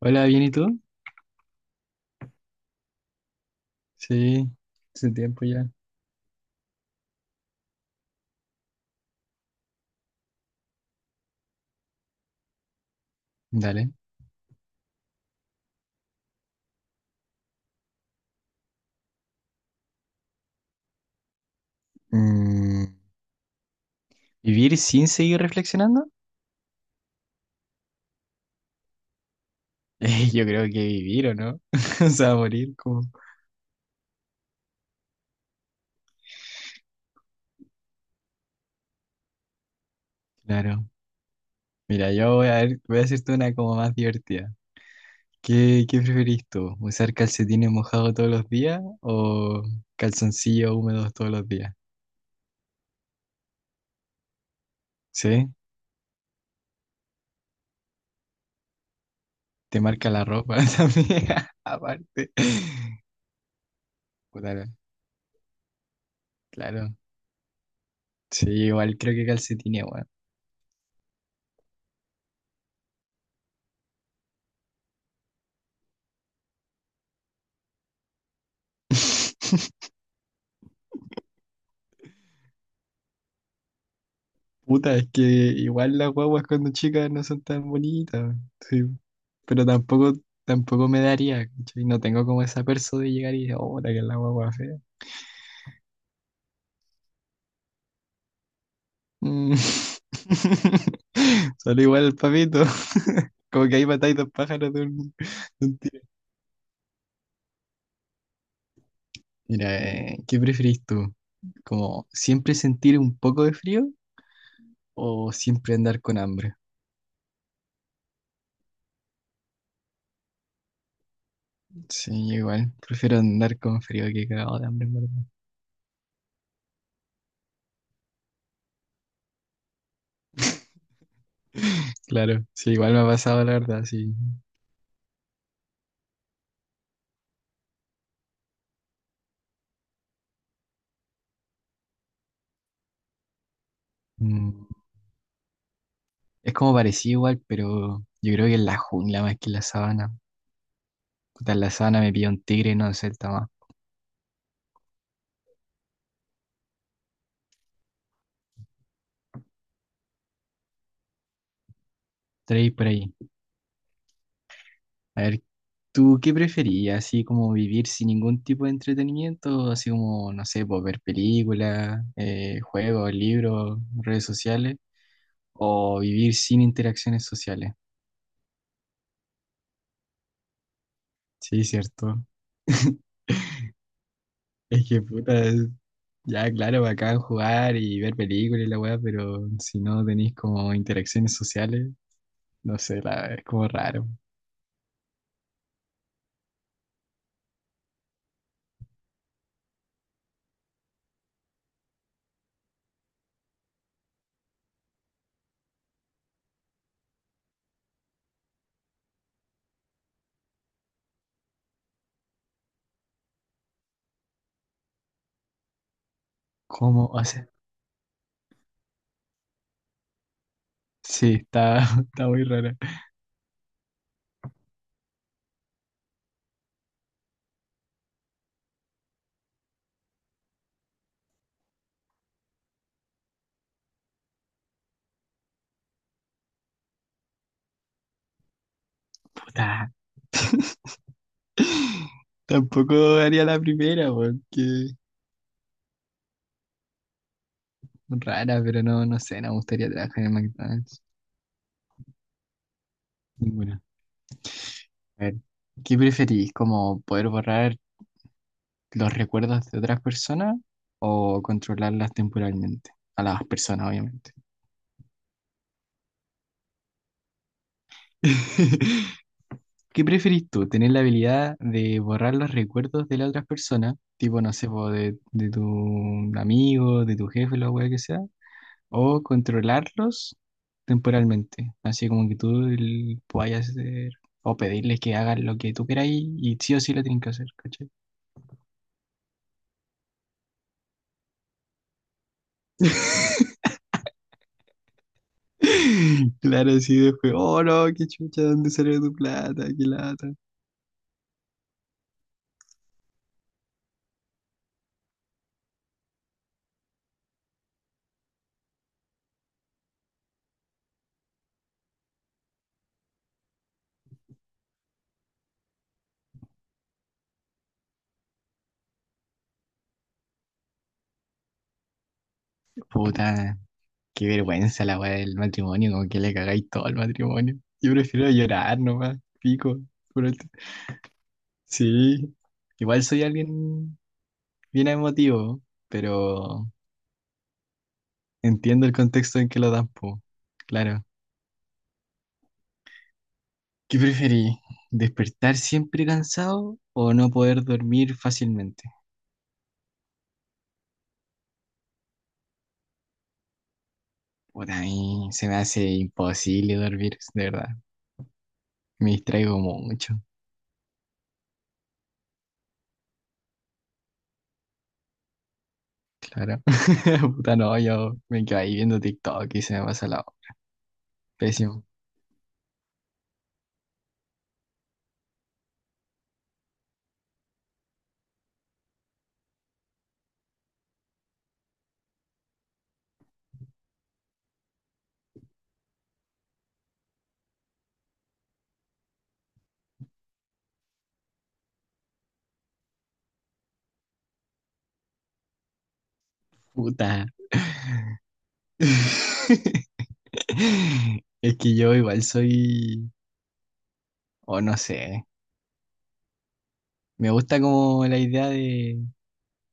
Hola, ¿bien y tú? Sí, hace tiempo ya. Dale. Mm, ¿vivir sin seguir reflexionando? Yo creo que vivir, ¿o no? O sea, morir como... Claro. Mira, yo voy a ver, voy a hacerte una como más divertida. ¿Qué preferís tú? ¿Usar calcetines mojados todos los días o calzoncillos húmedos todos los días? ¿Sí? Te marca la ropa también, aparte. Puta, claro. Sí, igual creo que calcetines, bueno. Puta, es que igual las guaguas cuando chicas no son tan bonitas, sí. Pero tampoco me daría, ¿cachai? No tengo como esa perso de llegar y decir, oh, puta, que es la guagua fea. Mm. Solo igual el papito. Como que ahí matáis dos pájaros de un tiro. Mira, ¿qué preferís tú? ¿Como siempre sentir un poco de frío o siempre andar con hambre? Sí, igual. Prefiero andar con frío que cagado de hambre, en verdad. Claro, sí, igual me ha pasado, la verdad, sí. Mm, Es como parecido igual, pero yo creo que en la jungla más que en la sabana. Puta, en la sabana me pilla un tigre, no sé, está más. Tres por ahí. A ver, ¿tú qué preferías? ¿Así como vivir sin ningún tipo de entretenimiento? Así como, no sé, pues, ver películas, juegos, libros, redes sociales. ¿O vivir sin interacciones sociales? Sí, cierto. Es que puta, ya, claro, bacán jugar y ver películas y la weá, pero si no tenéis como interacciones sociales, no sé, es como raro. ¿Cómo? O sea, sí, está, está muy rara. Puta, tampoco haría la primera, porque rara, pero no, no sé, no me gustaría trabajar en McDonald's. Ninguna. A ver, ¿qué preferís? ¿Como poder borrar los recuerdos de otras personas o controlarlas temporalmente? A las personas, obviamente. ¿Qué preferís tú? ¿Tener la habilidad de borrar los recuerdos de las otras personas? Tipo, no sé, po, de tu amigo, de tu jefe, lo que sea. O controlarlos temporalmente. Así como que puedas hacer o pedirles que hagan lo que tú queráis y sí o sí lo tienen que hacer, ¿cachai? Claro, sí, después, oh no, qué chucha, ¿dónde salió tu plata? Qué lata. Puta, qué vergüenza la weá del matrimonio, como que le cagáis todo al matrimonio. Yo prefiero llorar nomás, pico. por el- Sí, igual soy alguien bien emotivo, pero entiendo el contexto en que lo dan, po. Claro. ¿Qué preferí? ¿Despertar siempre cansado o no poder dormir fácilmente? Por a mí se me hace imposible dormir, de verdad. Me distraigo mucho, claro. Puta, no, yo me quedo ahí viendo TikTok y se me pasa la... Pésimo. Puta. Es que yo igual soy, o no sé, me gusta como la idea de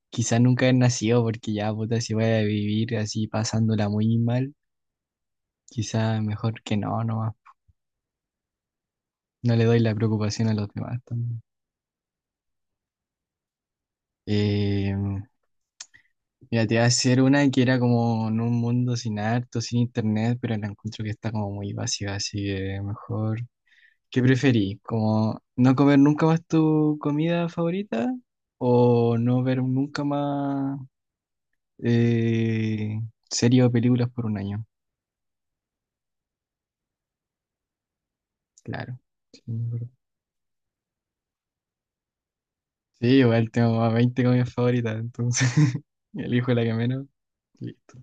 quizás nunca haber nacido porque ya, puta, si voy a vivir así pasándola muy mal, quizás mejor que no, no, no le doy la preocupación a los demás también. Eh, mira, te voy a hacer una que era como en un mundo sin arte, sin internet, pero la encuentro que está como muy vacía, así que mejor ¿qué preferís? ¿Como no comer nunca más tu comida favorita o no ver nunca más eh, series o películas por un año? Claro. Sí, es verdad. Sí, igual tengo más 20 comidas favoritas, entonces elijo la que menos. Listo.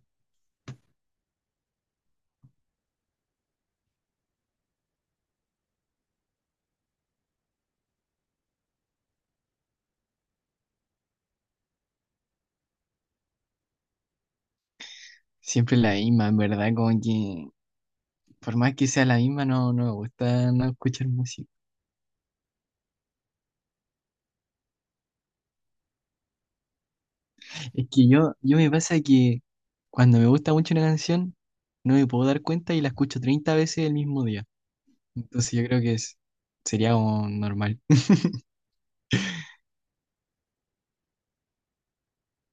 Siempre la misma, en verdad, como que por más que sea la misma, no, no me gusta no escuchar música. Es que yo me pasa que cuando me gusta mucho una canción, no me puedo dar cuenta y la escucho 30 veces el mismo día. Entonces yo creo que sería como normal,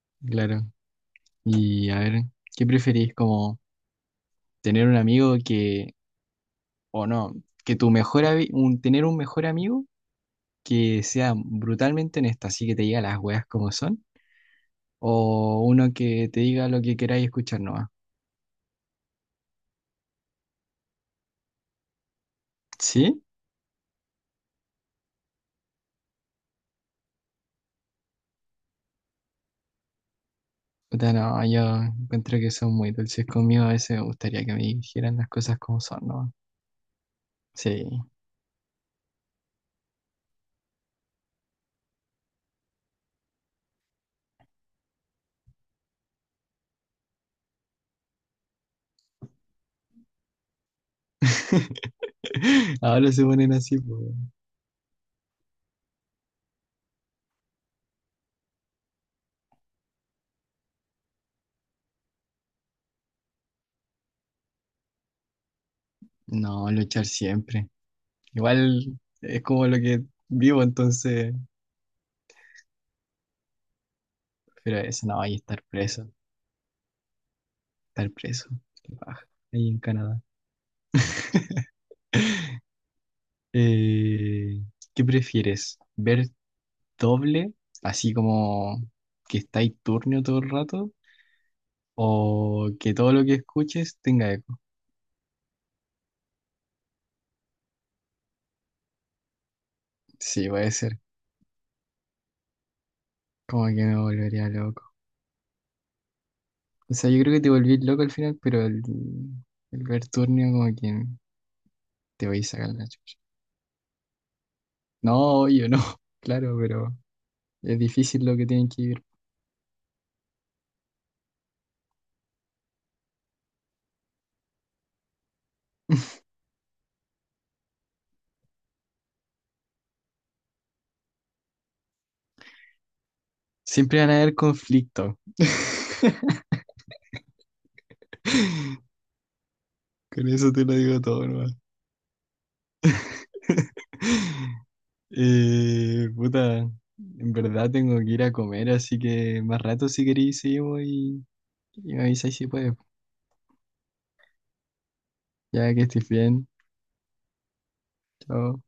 claro. Y a ver, ¿qué preferís? Como tener un amigo que, o no, que tu mejor ami- un, tener un mejor amigo que sea brutalmente honesto, así que te diga las weas como son, o uno que te diga lo que queráis escuchar nomás. ¿Sí? Puta, no, yo encuentro que son muy dulces conmigo, a veces me gustaría que me dijeran las cosas como son, ¿no? Sí. Ahora se ponen así, pues. No, luchar siempre. Igual es como lo que vivo, entonces. Pero eso no, ahí estar preso. Estar preso. Qué paja. Ahí en Canadá. Eh, ¿qué prefieres? ¿Ver doble, así como que estáis turnio todo el rato? ¿O que todo lo que escuches tenga eco? Sí, puede ser. Como que me volvería loco. O sea, yo creo que te volví loco al final, pero el ver turnio como que te voy a sacar la chucha. No, yo no, claro, pero es difícil lo que tienen que vivir. Siempre van a haber conflictos. Con eso te lo digo todo, nomás. Puta, en verdad tengo que ir a comer, así que más rato si queréis seguimos y me avisáis si puedes. Ya que estés bien. Chao.